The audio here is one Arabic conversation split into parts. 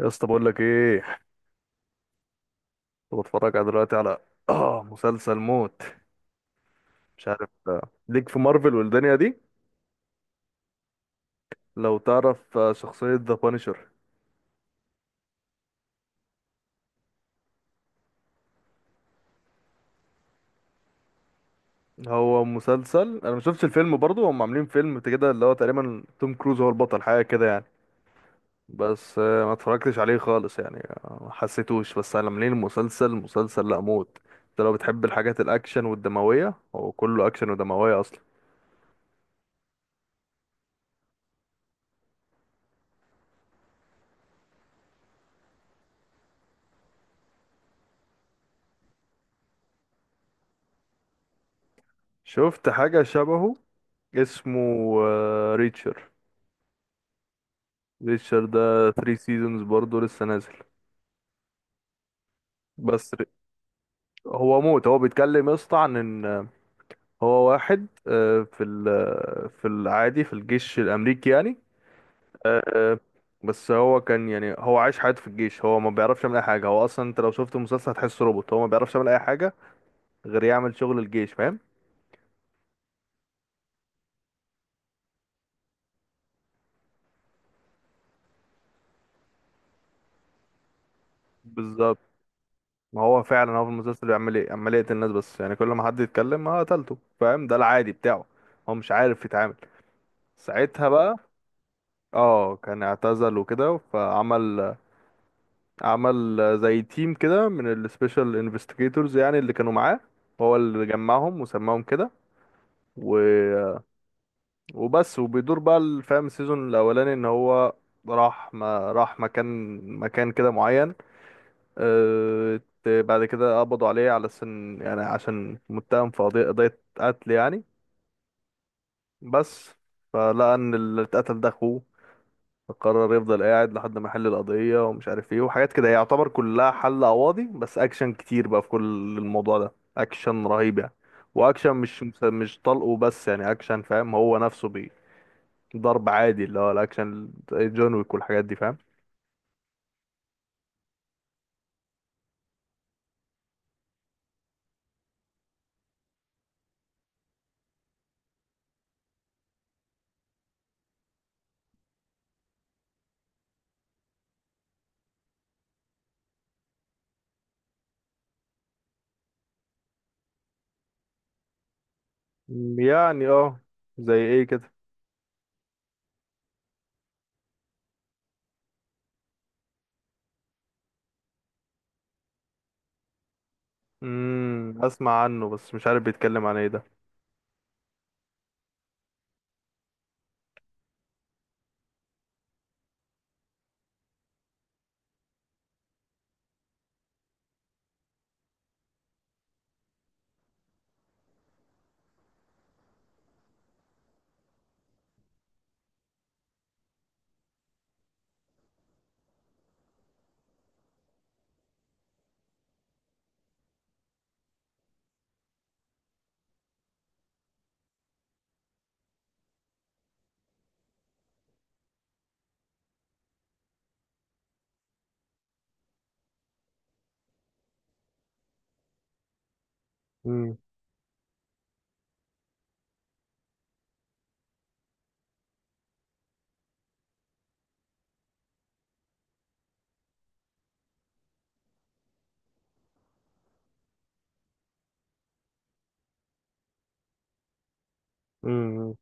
يا اسطى، بقول لك ايه. كنت بتفرج على دلوقتي على اه مسلسل موت، مش عارف ليك في مارفل والدنيا دي. لو تعرف شخصية ذا بانشر. هو مسلسل، انا ما شفتش الفيلم برضو. هم عاملين فيلم كده اللي هو تقريبا توم كروز هو البطل، حاجة كده يعني. بس ما اتفرجتش عليه خالص يعني. ما حسيتوش. بس انا منين؟ المسلسل لا موت. انت لو بتحب الحاجات الاكشن والدموية، هو كله اكشن ودموية اصلا. شفت حاجة شبهه، اسمه ريتشر ريتشارد. ده 3 سيزونز برضه لسه نازل. بس هو موت. هو بيتكلم يا اسطى عن ان هو واحد في في العادي في الجيش الامريكي يعني. آه، بس هو كان يعني هو عايش حياته في الجيش، هو ما بيعرفش يعمل اي حاجه. هو اصلا انت لو شفت المسلسل هتحسه روبوت، هو ما بيعرفش يعمل اي حاجه غير يعمل شغل الجيش، فاهم؟ بالظبط. ما هو فعلا هو في المسلسل بيعمل ايه؟ عمال يقتل الناس بس، يعني كل ما حد يتكلم ما قتلته، فاهم؟ ده العادي بتاعه. هو مش عارف يتعامل ساعتها بقى. اه، كان اعتزل وكده فعمل، عمل زي تيم كده من السبيشال انفستيجيتورز يعني، اللي كانوا معاه هو اللي جمعهم وسماهم كده. و... وبس. وبيدور بقى الفام السيزون الاولاني ان هو راح، ما راح مكان كده معين. بعد كده قبضوا عليه على سن يعني، عشان متهم في قضية قتل يعني. بس فلقى ان اللي اتقتل ده اخوه، فقرر يفضل قاعد لحد ما يحل القضية ومش عارف ايه وحاجات كده. هي يعتبر كلها حل قواضي، بس اكشن كتير بقى في كل الموضوع ده، اكشن رهيب يعني. واكشن مش طلقه بس يعني، اكشن فاهم. هو نفسه بي ضرب عادي، اللي هو الاكشن زي جون ويك والحاجات دي، فاهم؟ يعني اه، زي ايه كده؟ اسمع عنه بس مش عارف بيتكلم عن ايه ده. امم. امم.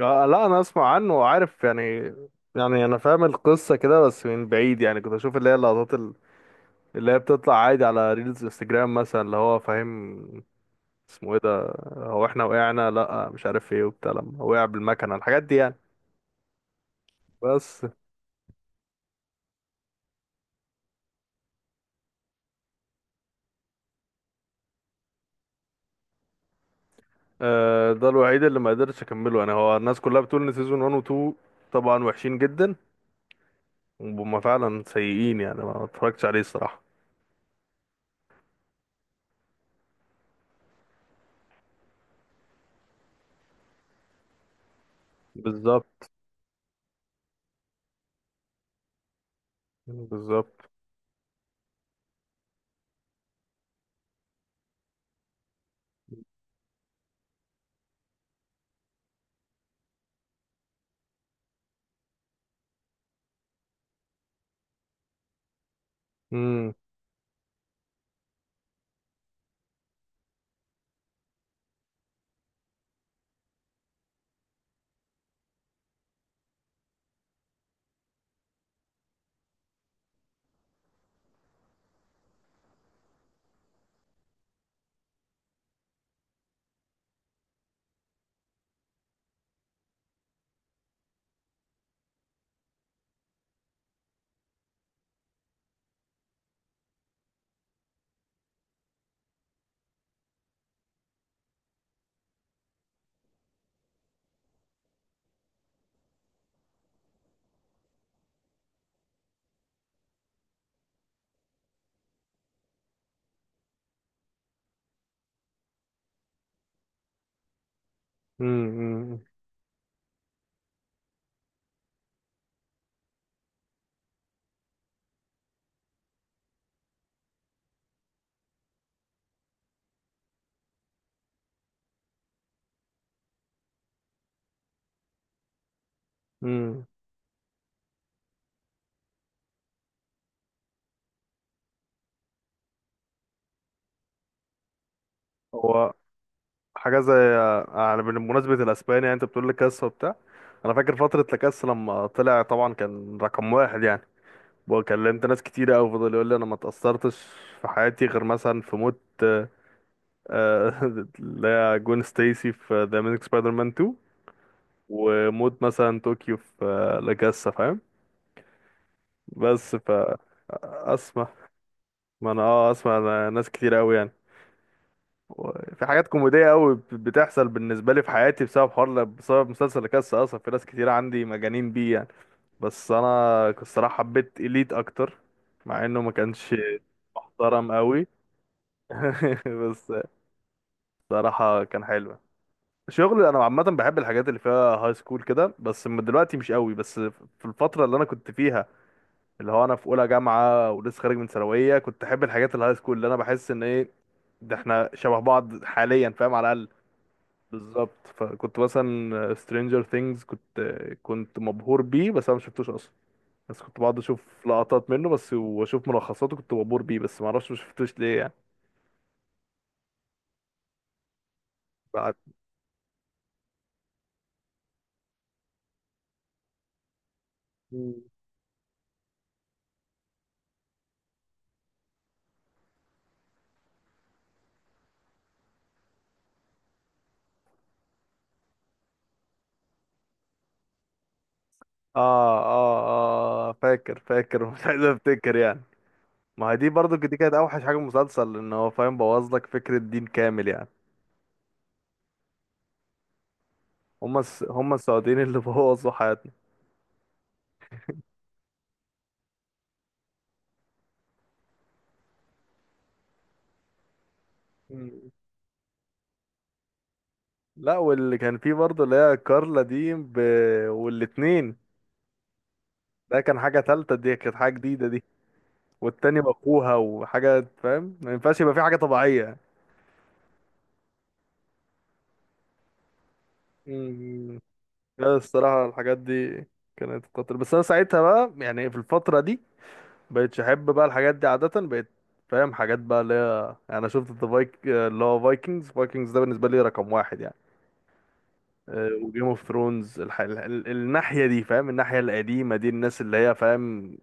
آه، لا، انا اسمع عنه وعارف يعني. يعني انا فاهم القصة كده بس من بعيد، يعني كنت اشوف اللي هي اللقطات اللي هي بتطلع عادي على ريلز انستجرام مثلا، اللي هو فاهم اسمه ايه ده. هو احنا وقعنا، لا مش عارف ايه وبتاع، لما وقع بالمكنه الحاجات دي يعني. بس آه، ده الوحيد اللي ما قدرتش اكمله انا. هو الناس كلها بتقول ان سيزون 1 و 2 طبعا وحشين جدا، وهم فعلا سيئين يعني. ما اتفرجتش عليه الصراحه. بالظبط، بالظبط. امم. امم. امم. هو حاجه زي، يعني بمناسبه الاسباني يعني، انت بتقول لي كاس وبتاع. انا فاكر فتره لاكاس لما طلع طبعا كان رقم واحد يعني، وكلمت ناس كتير قوي فضل يقول لي انا ما اتاثرتش في حياتي غير مثلا في موت آه، اللي هي جون ستيسي في ذا اميزنج سبايدر مان 2. وموت مثلا طوكيو في لاكاسا، فاهم؟ بس ف، اسمع، ما انا اه، اسمع، أنا ناس كتير قوي يعني في حاجات كوميدية قوي بتحصل بالنسبة لي في حياتي بسبب حوار، بسبب مسلسل كاس أصلا. في ناس كتير عندي مجانين بيه يعني. بس أنا الصراحة حبيت إليت أكتر، مع إنه ما كانش محترم قوي. بس صراحة كان حلو. شغل، أنا عامة بحب الحاجات اللي فيها هاي سكول كده، بس من دلوقتي مش قوي. بس في الفترة اللي أنا كنت فيها، اللي هو أنا في أولى جامعة ولسه خارج من ثانوية، كنت أحب الحاجات الهاي سكول. اللي أنا بحس إن إيه، ده إحنا شبه بعض حاليا، فاهم على الأقل. بالظبط. فكنت مثلا سترينجر ثينجز كنت مبهور بيه، بس انا ما شفتوش اصلا. بس كنت بقعد اشوف لقطات منه بس واشوف ملخصاته. كنت مبهور بيه، بس ما اعرفش ما شفتوش ليه يعني. بعد. مم. اه، اه، اه، فاكر، فاكر. مش عايز افتكر يعني. ما هي دي برضو دي كانت اوحش حاجه في المسلسل، ان هو فاهم بوظ لك فكره دين كامل يعني. هما هما السعوديين اللي بوظوا حياتنا. مم. لا، واللي كان فيه برضو اللي هي كارلا دي والاتنين. ده كان حاجه تالته، دي كانت حاجه جديده دي. والتاني بقوها وحاجات، فاهم ما ينفعش يبقى في حاجة طبيعية. مم. لا الصراحة الحاجات دي كانت خطر، بس أنا ساعتها بقى يعني في الفترة دي بقيتش أحب بقى الحاجات دي عادة، بقيت فاهم حاجات بقى اللي هي يعني أنا شفت الفايك اللي هو فايكنجز، ده بالنسبة لي رقم واحد يعني. وجيم اوف ثرونز الناحية دي، فاهم؟ الناحية القديمة دي، الناس اللي هي فاهم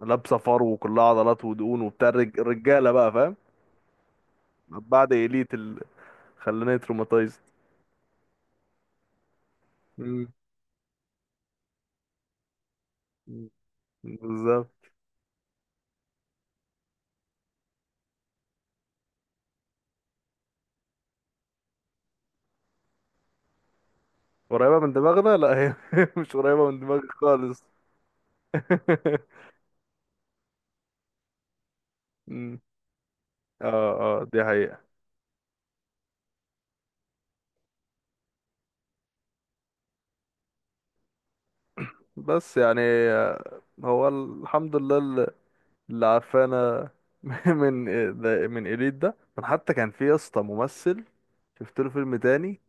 لابسة فرو وكلها عضلات ودهون وبتاع، الرجالة بقى، فاهم؟ بعد إليت اللي خلاني تروماتايزد. مم. بالظبط. قريبة من دماغنا؟ لا هي مش قريبة من دماغي خالص. مم. اه، اه، دي حقيقة. بس يعني هو الحمد لله اللي عافانا من من إليت ده. من حتى كان في يا اسطى ممثل، شفت له فيلم تاني.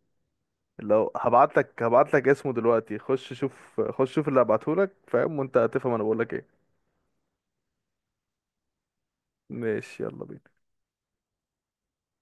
لو هبعت لك، هبعت لك اسمه دلوقتي. خش شوف، خش شوف اللي هبعته لك فاهم، وانت هتفهم انا بقول لك ايه. ماشي، يلا بينا.